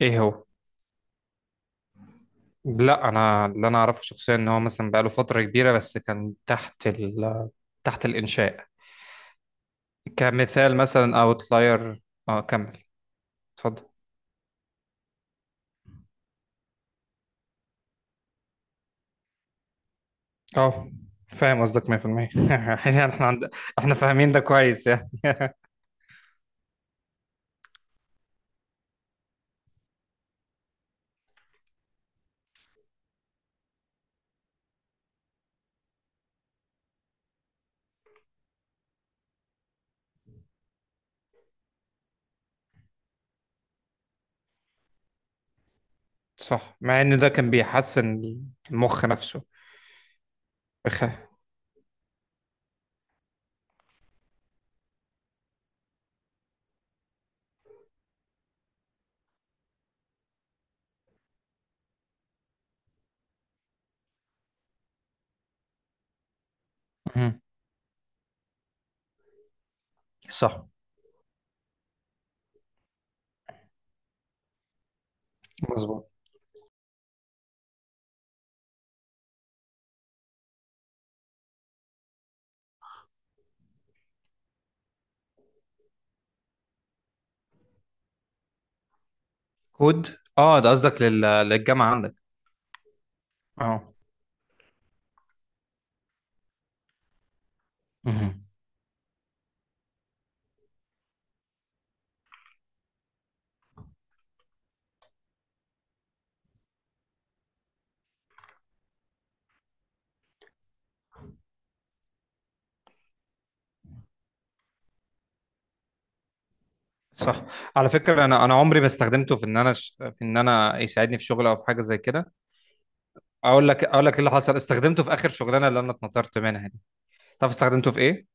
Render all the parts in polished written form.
ايه هو. لا انا اللي اعرفه شخصيا ان هو مثلا بقاله فتره كبيره بس كان تحت الانشاء، كمثال مثلا اوتلاير. اه، كمل. اتفضل. اه، فاهم قصدك 100% يعني احنا عند... احنا فاهمين ده كويس يعني. صح، مع ان ده كان بيحسن المخ نفسه. بخ... مهم. صح. مظبوط. كود. اه، ده قصدك للجامعه عندك. اه. مهم. صح. على فكره، انا عمري ما استخدمته في ان انا في ان انا يساعدني في شغل او في حاجه زي كده. اقول لك ايه اللي حصل، استخدمته في اخر شغلانه اللي انا اتنطرت منها دي. تعرف استخدمته في ايه؟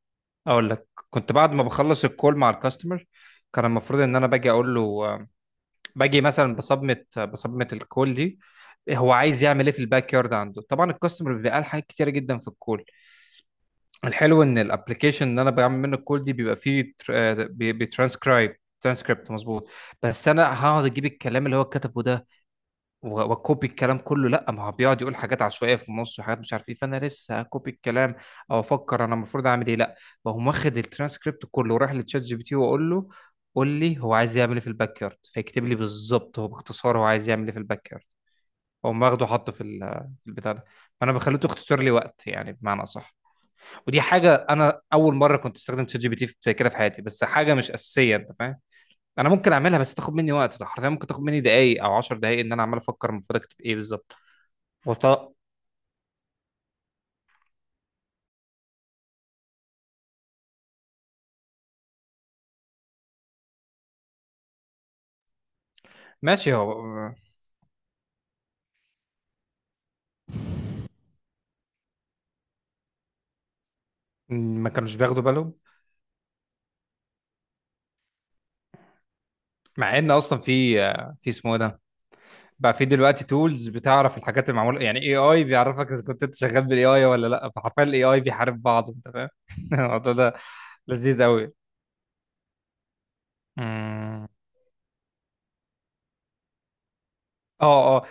اقول لك، كنت بعد ما بخلص الكول مع الكاستمر، كان المفروض ان انا باجي اقول له آه، باجي مثلا بصمت بصمت الكول دي هو عايز يعمل ايه في الباك يارد عنده. طبعا الكاستمر بيبقى قال حاجات كتيره جدا في الكول. الحلو ان الابلكيشن اللي انا بعمل منه الكول دي بيبقى فيه بيترانسكرايب ترانسكريبت مظبوط. بس انا هقعد اجيب الكلام اللي هو كتبه ده واكوبي الكلام كله؟ لا، ما هو بيقعد يقول حاجات عشوائيه في النص وحاجات مش عارف ايه، فانا لسه اكوبي الكلام او افكر انا المفروض اعمل ايه؟ لا، بقوم واخد الترانسكريبت كله ورايح لتشات جي بي تي واقول له قول لي هو عايز يعمل ايه في الباك يارد، فيكتب لي بالظبط هو باختصار هو عايز يعمل ايه في الباك يارد. اقوم واخده حاطه في في البتاع ده. فانا بخليته يختصر لي وقت يعني، بمعنى اصح. ودي حاجه انا اول مره كنت استخدم تشات جي بي تي زي كده في حياتي، بس حاجه مش اساسيه، انت فاهم. انا ممكن اعملها بس تاخد مني وقت، ده حرفيا ممكن تاخد مني دقايق او 10 دقايق ان انا عمال افكر المفروض اكتب ايه بالظبط. وط... ماشي. هو ما كانوش بياخدوا بالهم. مع ان اصلا في، في اسمه إيه ده بقى، في دلوقتي تولز بتعرف الحاجات المعموله، يعني اي اي بيعرفك اذا كنت انت شغال بالاي اي ولا لا، فحرفيا الاي اي بيحارب بعض، انت فاهم الموضوع ده لذيذ قوي. اه، اه،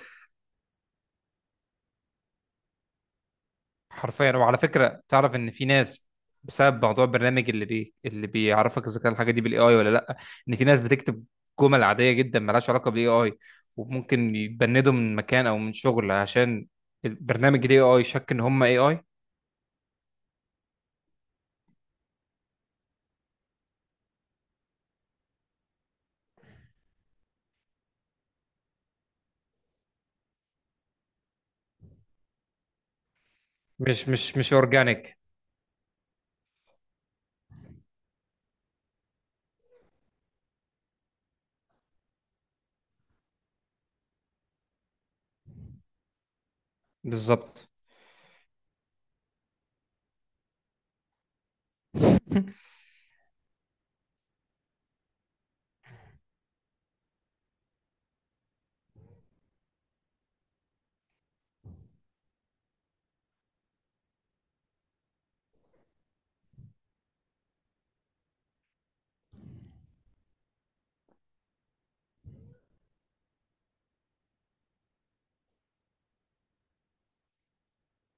حرفيا. وعلى فكرة، تعرف ان في ناس، بسبب موضوع البرنامج اللي اللي بيعرفك اذا كان الحاجة دي بالاي اي ولا لا، ان في ناس بتكتب جمل عادية جدا ملهاش علاقة بالاي اي وممكن يتبندوا من مكان او من شغل عشان البرنامج الاي اي شك ان هم اي اي. مش اورجانيك. بالظبط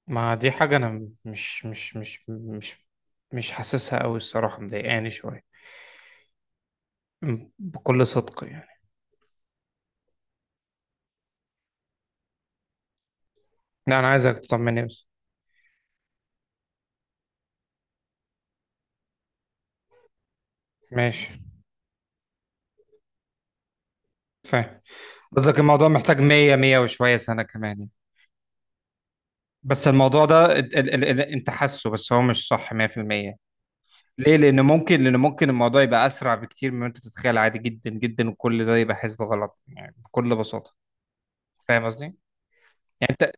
ما دي حاجة انا مش حاسسها قوي الصراحة، مضايقاني شوية، بكل صدق يعني. لا، انا عايزك تطمني بس. ماشي. فاهم قصدك. الموضوع محتاج 100 100 وشوية سنة كمان يعني. بس الموضوع ده ال ال ال ال انت حاسه، بس هو مش صح 100%. ليه؟ لأن ممكن الموضوع يبقى أسرع بكتير مما أنت تتخيل، عادي جدا جدا، وكل ده يبقى حسبة غلط يعني، بكل بساطة. فاهم قصدي؟ يعني أنت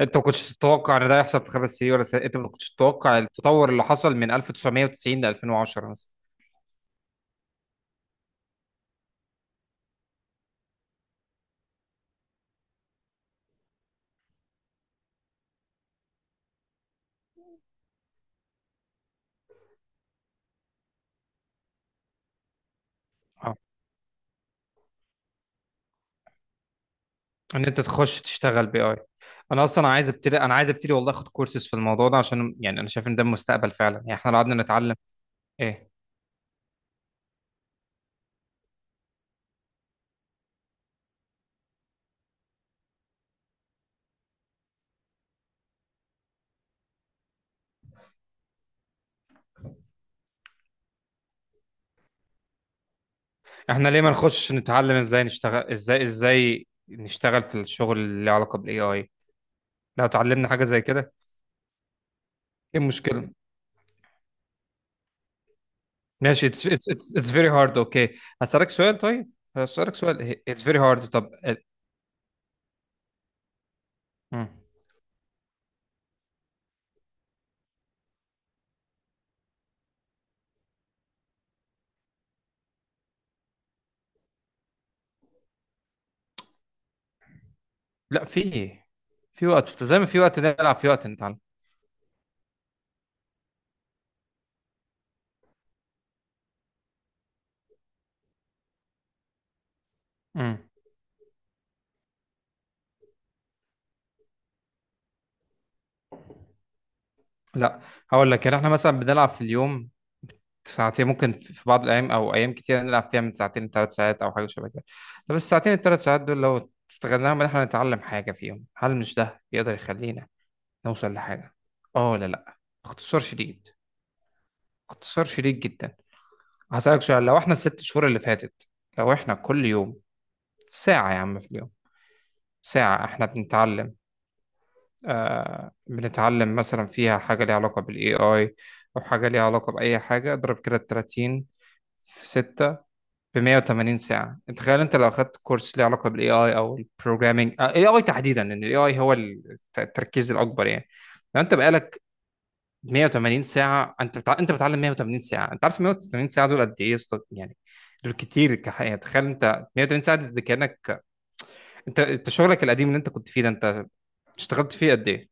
أنت ما كنتش تتوقع إن ده يحصل في خمس سنين ولا سنة. أنت ما كنتش تتوقع التطور اللي حصل من 1990 ل 2010 مثلا. اه. إن أنت تخش تشتغل بي آي. انا اصلا عايز ابتدي، انا عايز ابتدي والله اخد كورسز في الموضوع ده، عشان يعني انا شايف ان ده المستقبل فعلا، يعني احنا لو قعدنا نتعلم ايه. احنا ليه ما نخش نتعلم ازاي نشتغل، ازاي ازاي نشتغل في الشغل اللي له علاقه بالاي اي؟ لو اتعلمنا حاجه زي كده، ايه المشكله؟ ماشي، اتس فيري هارد، اوكي. هسألك سؤال طيب، هسألك سؤال، اتس فيري هارد، طب مم. لا، في إيه؟ في وقت زي ما في وقت نلعب، في وقت نتعلم. مم. لا، هقول لك، يعني احنا مثلا بنلعب في اليوم ساعتين، ممكن في بعض الأيام أو أيام كتير نلعب فيها من ساعتين لثلاث ساعات، أو حاجة شبه كده. طب الساعتين الثلاث ساعات دول لو استغلناهم إن إحنا نتعلم حاجة فيهم، هل مش ده يقدر يخلينا نوصل لحاجة؟ آه ولا لأ؟ اختصار شديد، اختصار شديد جدا. هسألك سؤال، لو إحنا الست شهور اللي فاتت، لو إحنا كل يوم ساعة، يا عم في اليوم ساعة، إحنا بنتعلم، آه، بنتعلم مثلا فيها حاجة ليها علاقة بال AI أو حاجة ليها علاقة بأي حاجة، اضرب كده 30 في 6، ب 180 ساعة. انت تخيل، انت لو اخدت كورس ليه علاقة بالاي اي او البروجرامينج، الاي اي تحديدا لان الاي اي هو التركيز الاكبر يعني. لو انت بقالك 180 ساعة، انت انت بتعلم 180 ساعة، انت عارف 180 ساعة دول قد ايه يا اسطى؟ يعني دول كتير كحقيقة. تخيل انت 180 ساعة دي كأنك انت، انت شغلك القديم اللي انت كنت فيه ده، انت اشتغلت فيه قد ايه؟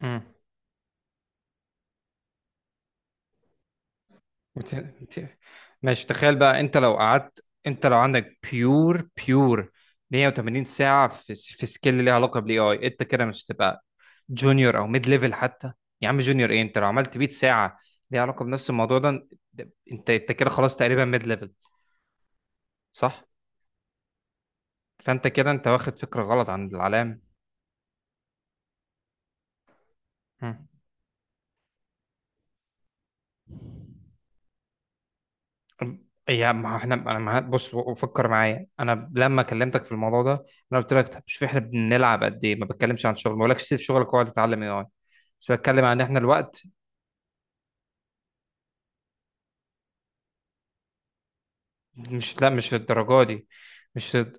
مم. بت- بت- ماشي، تخيل بقى انت لو قعدت، انت لو عندك بيور بيور 180 ساعة في في سكيل ليها علاقة بالاي اي، انت كده مش هتبقى جونيور او ميد ليفل حتى. يا عم جونيور ايه، انت لو عملت 100 ساعة ليها علاقة بنفس الموضوع ده، انت، انت كده خلاص تقريبا ميد ليفل. صح. فانت كده انت واخد فكرة غلط عن العلام. هم. يا ما احنا، انا، ما بص فكر معايا، انا لما كلمتك في الموضوع ده انا قلت لك طب شوف احنا بنلعب قد ايه، ما بتكلمش عن شغل، ما بقولكش سيب شغلك واقعد تتعلم اي اي، بس بتكلم عن ان احنا الوقت. مش لا، مش للدرجه دي. مش لد-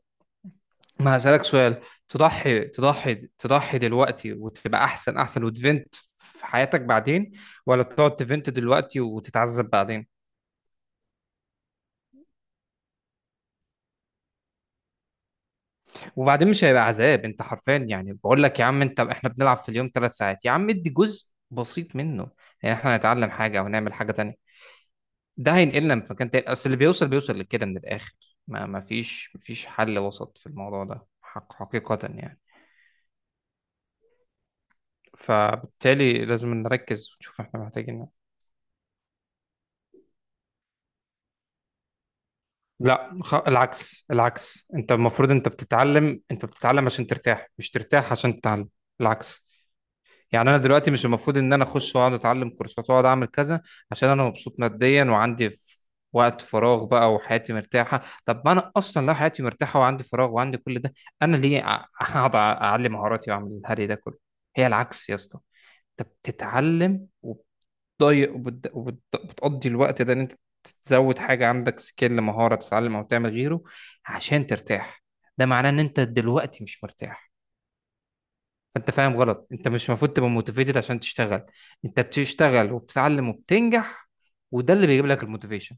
ما هسألك سؤال، تضحي دلوقتي وتبقى احسن وتفنت في حياتك بعدين، ولا تقعد تفنت دلوقتي وتتعذب بعدين؟ وبعدين مش هيبقى عذاب، انت حرفيا، يعني بقول لك يا عم انت، احنا بنلعب في اليوم ثلاث ساعات يا عم، ادي جزء بسيط منه يعني احنا نتعلم حاجه او نعمل حاجه تانية، ده هينقلنا من مكان تاني، اصل اللي بيوصل لكده من الاخر، ما فيش حل وسط في الموضوع ده، حقيقه يعني. فبالتالي لازم نركز ونشوف احنا محتاجين ايه. لا، العكس، انت المفروض، انت بتتعلم، انت بتتعلم عشان ترتاح، مش ترتاح عشان تتعلم. العكس. يعني انا دلوقتي مش المفروض ان انا اخش واقعد اتعلم كورسات واقعد اعمل كذا عشان انا مبسوط ماديا وعندي وقت فراغ بقى وحياتي مرتاحه. طب ما انا اصلا لو حياتي مرتاحه وعندي فراغ وعندي كل ده، انا ليه اقعد اعلم مهاراتي واعمل الهري ده كله؟ هي العكس يا اسطى، انت بتتعلم وبتضيق وبتقضي الوقت ده ان انت تزود حاجه عندك، سكيل، مهاره، تتعلم او تعمل غيره، عشان ترتاح. ده معناه ان انت دلوقتي مش مرتاح. فانت فاهم غلط، انت مش المفروض تبقى موتيفيتد عشان تشتغل، انت بتشتغل وبتتعلم وبتنجح وده اللي بيجيب لك الموتيفيشن،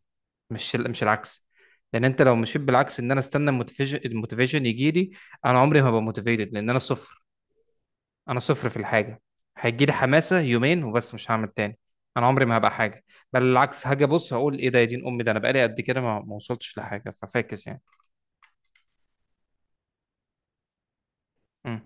مش مش العكس. لان انت لو مشيت بالعكس ان انا استنى الموتيفيشن يجي لي، انا عمري ما هبقى موتيفيتد لان انا صفر، انا صفر في الحاجه، هيجي لي حماسه يومين وبس مش هعمل تاني، انا عمري ما هبقى حاجه. بل العكس، هاجي ابص هقول ايه ده يا دين امي، ده انا بقالي قد كده ما وصلتش لحاجه، ففاكس يعني. مم.